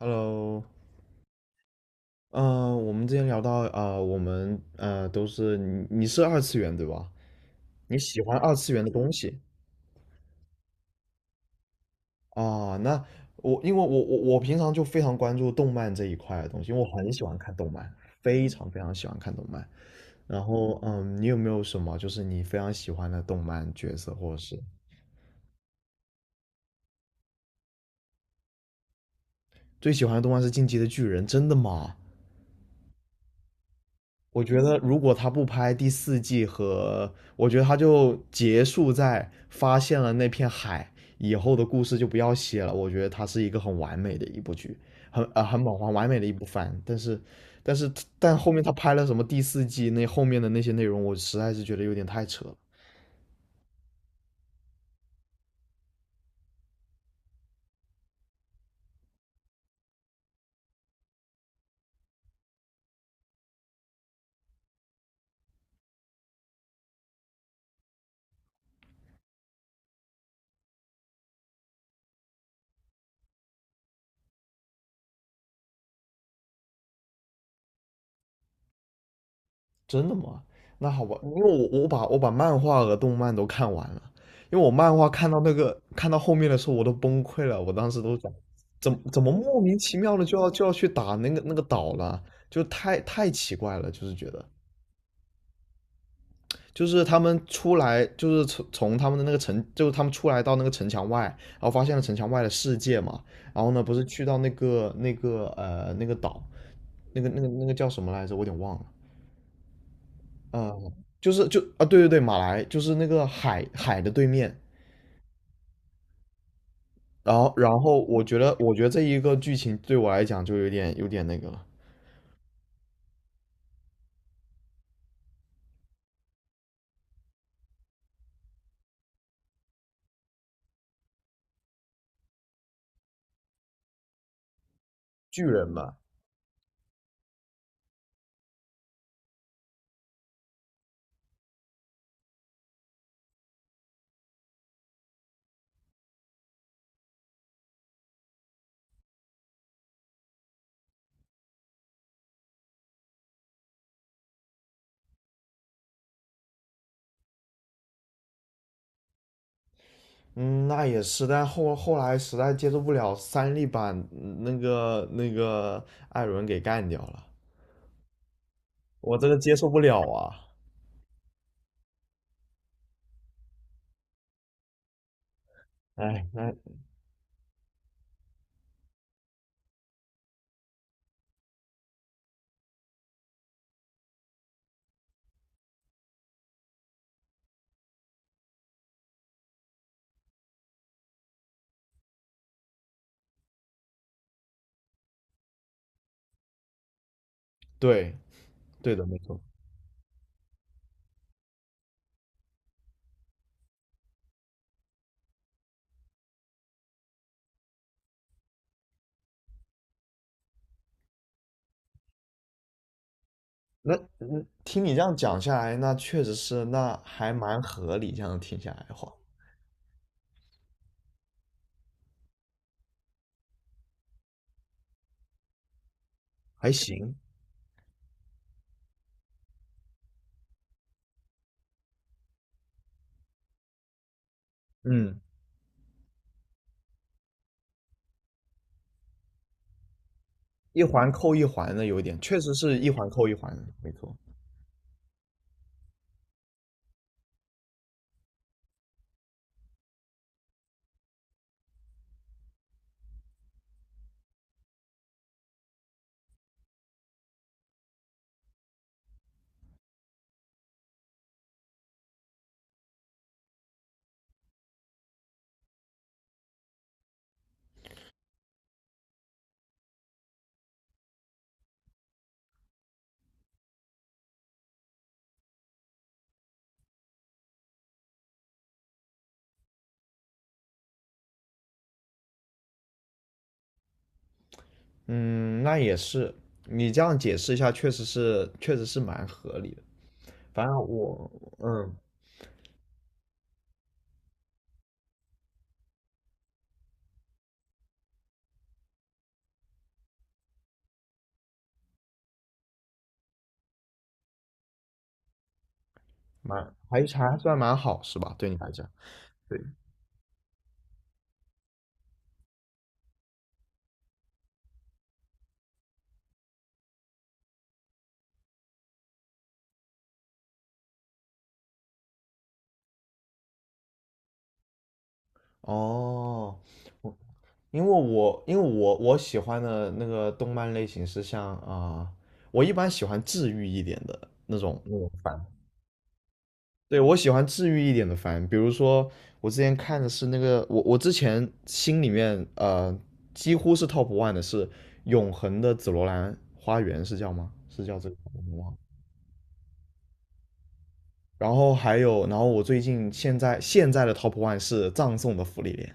Hello，我们之前聊到，我们都是你是二次元对吧？你喜欢二次元的东西啊？那我因为我我我平常就非常关注动漫这一块的东西，因为我很喜欢看动漫，非常非常喜欢看动漫。然后，你有没有什么就是你非常喜欢的动漫角色，或者是最喜欢的动漫是《进击的巨人》？真的吗？我觉得如果他不拍第四季和，我觉得他就结束在发现了那片海以后的故事就不要写了。我觉得它是一个很完美的一部剧，很饱很完美的一部番。但是但后面他拍了什么第四季那后面的那些内容，我实在是觉得有点太扯了。真的吗？那好吧，因为我把漫画和动漫都看完了，因为我漫画看到后面的时候我都崩溃了，我当时都想，怎么莫名其妙的就要去打那个岛了，就太奇怪了，就是觉得，就是他们出来，就是从他们的那个城，就是他们出来到那个城墙外，然后发现了城墙外的世界嘛，然后呢，不是去到那个岛，那个叫什么来着，我有点忘了。呃，就是就啊，对对对，马来就是那个海的对面，然后我觉得这一个剧情对我来讲就有点那个了，巨人吧，嗯，那也是，但后来实在接受不了三笠把那个艾伦给干掉了，我这个接受不了啊。哎，那对，对的，没错。那听你这样讲下来，那确实是，那还蛮合理，这样听下来的话，还行，嗯。一环扣一环的，有点，确实是一环扣一环的，没错。嗯，那也是，你这样解释一下，确实是，确实是蛮合理的。反正我，嗯，还算蛮好，是吧？对你来讲，对。哦，我因为我因为我我喜欢的那个动漫类型是像我一般喜欢治愈一点的那种番。对，我喜欢治愈一点的番，比如说我之前看的是那个，我我之前心里面几乎是 top one 的是《永恒的紫罗兰花园》，是叫吗？是叫这个吗我忘了。然后还有，然后我最近现在的 top one 是《葬送的芙莉莲》，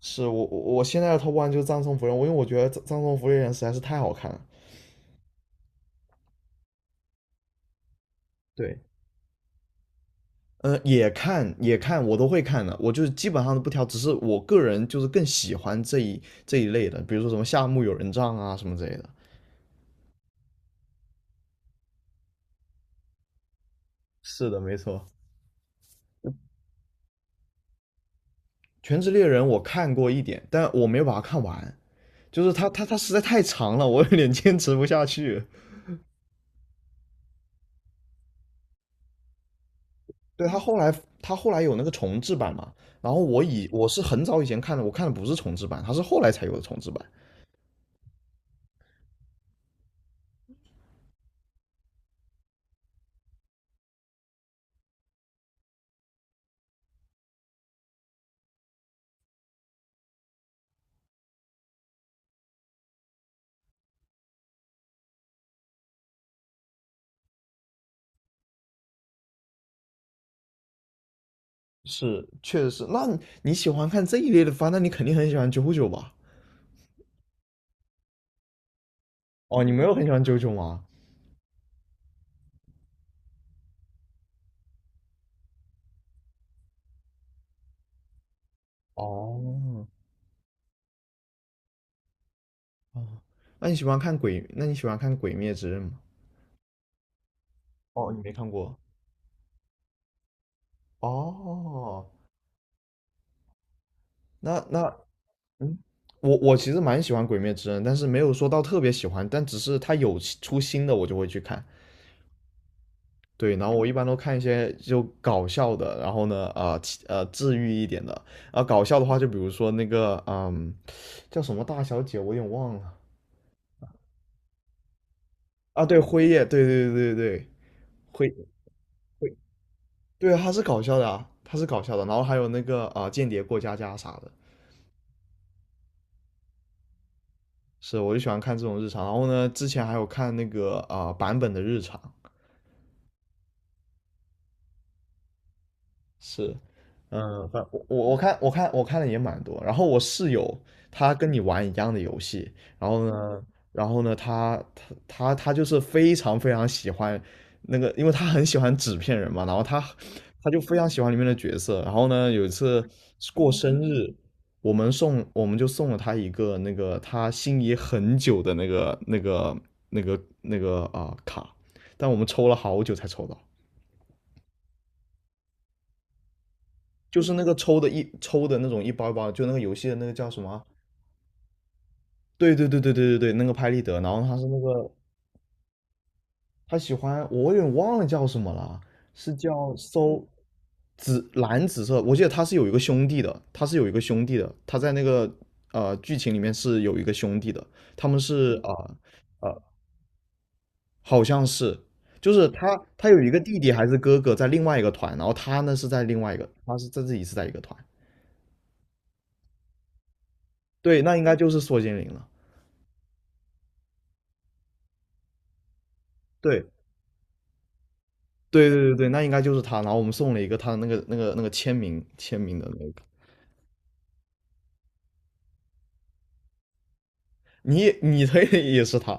是我现在的 top one 就是《葬送芙莉莲》，我因为我觉得《葬送芙莉莲》实在是太好看了。对，也看也看，我都会看的，我就是基本上都不挑，只是我个人就是更喜欢这一类的，比如说什么夏目友人帐啊什么之类的。是的，没错。《全职猎人》我看过一点，但我没有把它看完，就是它实在太长了，我有点坚持不下去。对，它后来有那个重制版嘛，然后我是很早以前看的，我看的不是重制版，它是后来才有的重制版。是，确实是。那你喜欢看这一类的番，那你肯定很喜欢九九吧？哦，你没有很喜欢九九吗？哦，哦，那你喜欢看鬼？那你喜欢看《鬼灭之刃》吗？哦，你没看过。哦，那那嗯，我其实蛮喜欢《鬼灭之刃》，但是没有说到特别喜欢，但只是它有新出新的我就会去看。对，然后我一般都看一些就搞笑的，然后呢，呃其呃，治愈一点的。啊，搞笑的话，就比如说叫什么大小姐，我有点忘了。啊，对，辉夜，对对对对对，辉。对啊，他是搞笑的啊，他是搞笑的。然后还有那个间谍过家家啥的，是，我就喜欢看这种日常。然后呢，之前还有看那个版本的日常，是，嗯，反我我我看我看我看的也蛮多。然后我室友他跟你玩一样的游戏，然后呢，他就是非常非常喜欢那个，因为他很喜欢纸片人嘛，然后他就非常喜欢里面的角色。然后呢，有一次是过生日，我们就送了他一个那个他心仪很久的那个卡，但我们抽了好久才抽到。就是那个抽的一抽的那种一包一包的就那个游戏的那个叫什么啊？对对对对对对对，那个拍立得，然后他是那个他喜欢，我有点忘了叫什么了，是叫搜紫色，我记得他是有一个兄弟的，他在剧情里面是有一个兄弟的，他们是呃呃好像是。就是他，他有一个弟弟还是哥哥在另外一个团，然后他呢是在另外一个，他是在自己是在一个团。对，那应该就是缩精灵了。对，对对对对，那应该就是他。然后我们送了一个他的那个签名的那个，你推的也是他。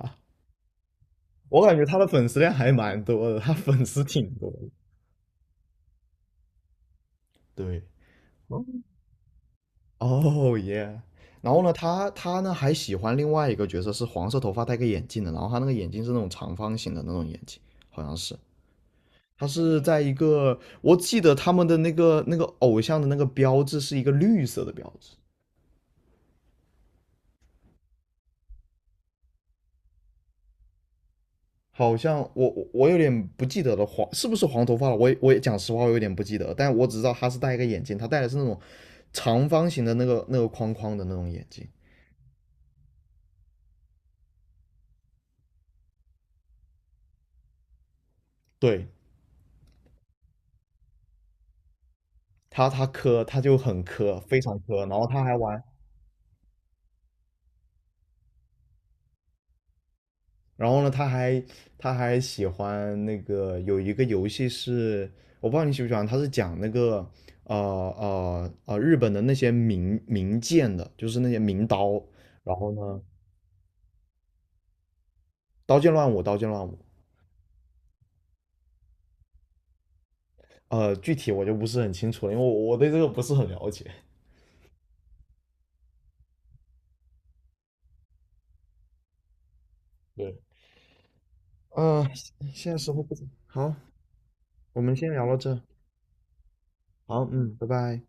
我感觉他的粉丝量还蛮多的，他粉丝挺多的。对，哦耶。然后呢，他呢还喜欢另外一个角色，是黄色头发戴个眼镜的，然后他那个眼镜是那种长方形的那种眼镜，好像是。他是在一个，我记得他们的那个偶像的那个标志是一个绿色的标志。好像我有点不记得了，是不是黄头发了？我也讲实话，我有点不记得，但我只知道他是戴一个眼镜，他戴的是那种长方形的那个框框的那种眼镜。对，他磕，他就很磕，非常磕。然后他还玩，然后呢，他还喜欢那个有一个游戏是，我不知道你喜不喜欢，他是讲那个日本的那些名剑的，就是那些名刀。然后呢，刀剑乱舞，刀剑乱舞。具体我就不是很清楚了，因为我对这个不是很了解。对，呃，现在时候不早，好，我们先聊到这。好，嗯，拜拜。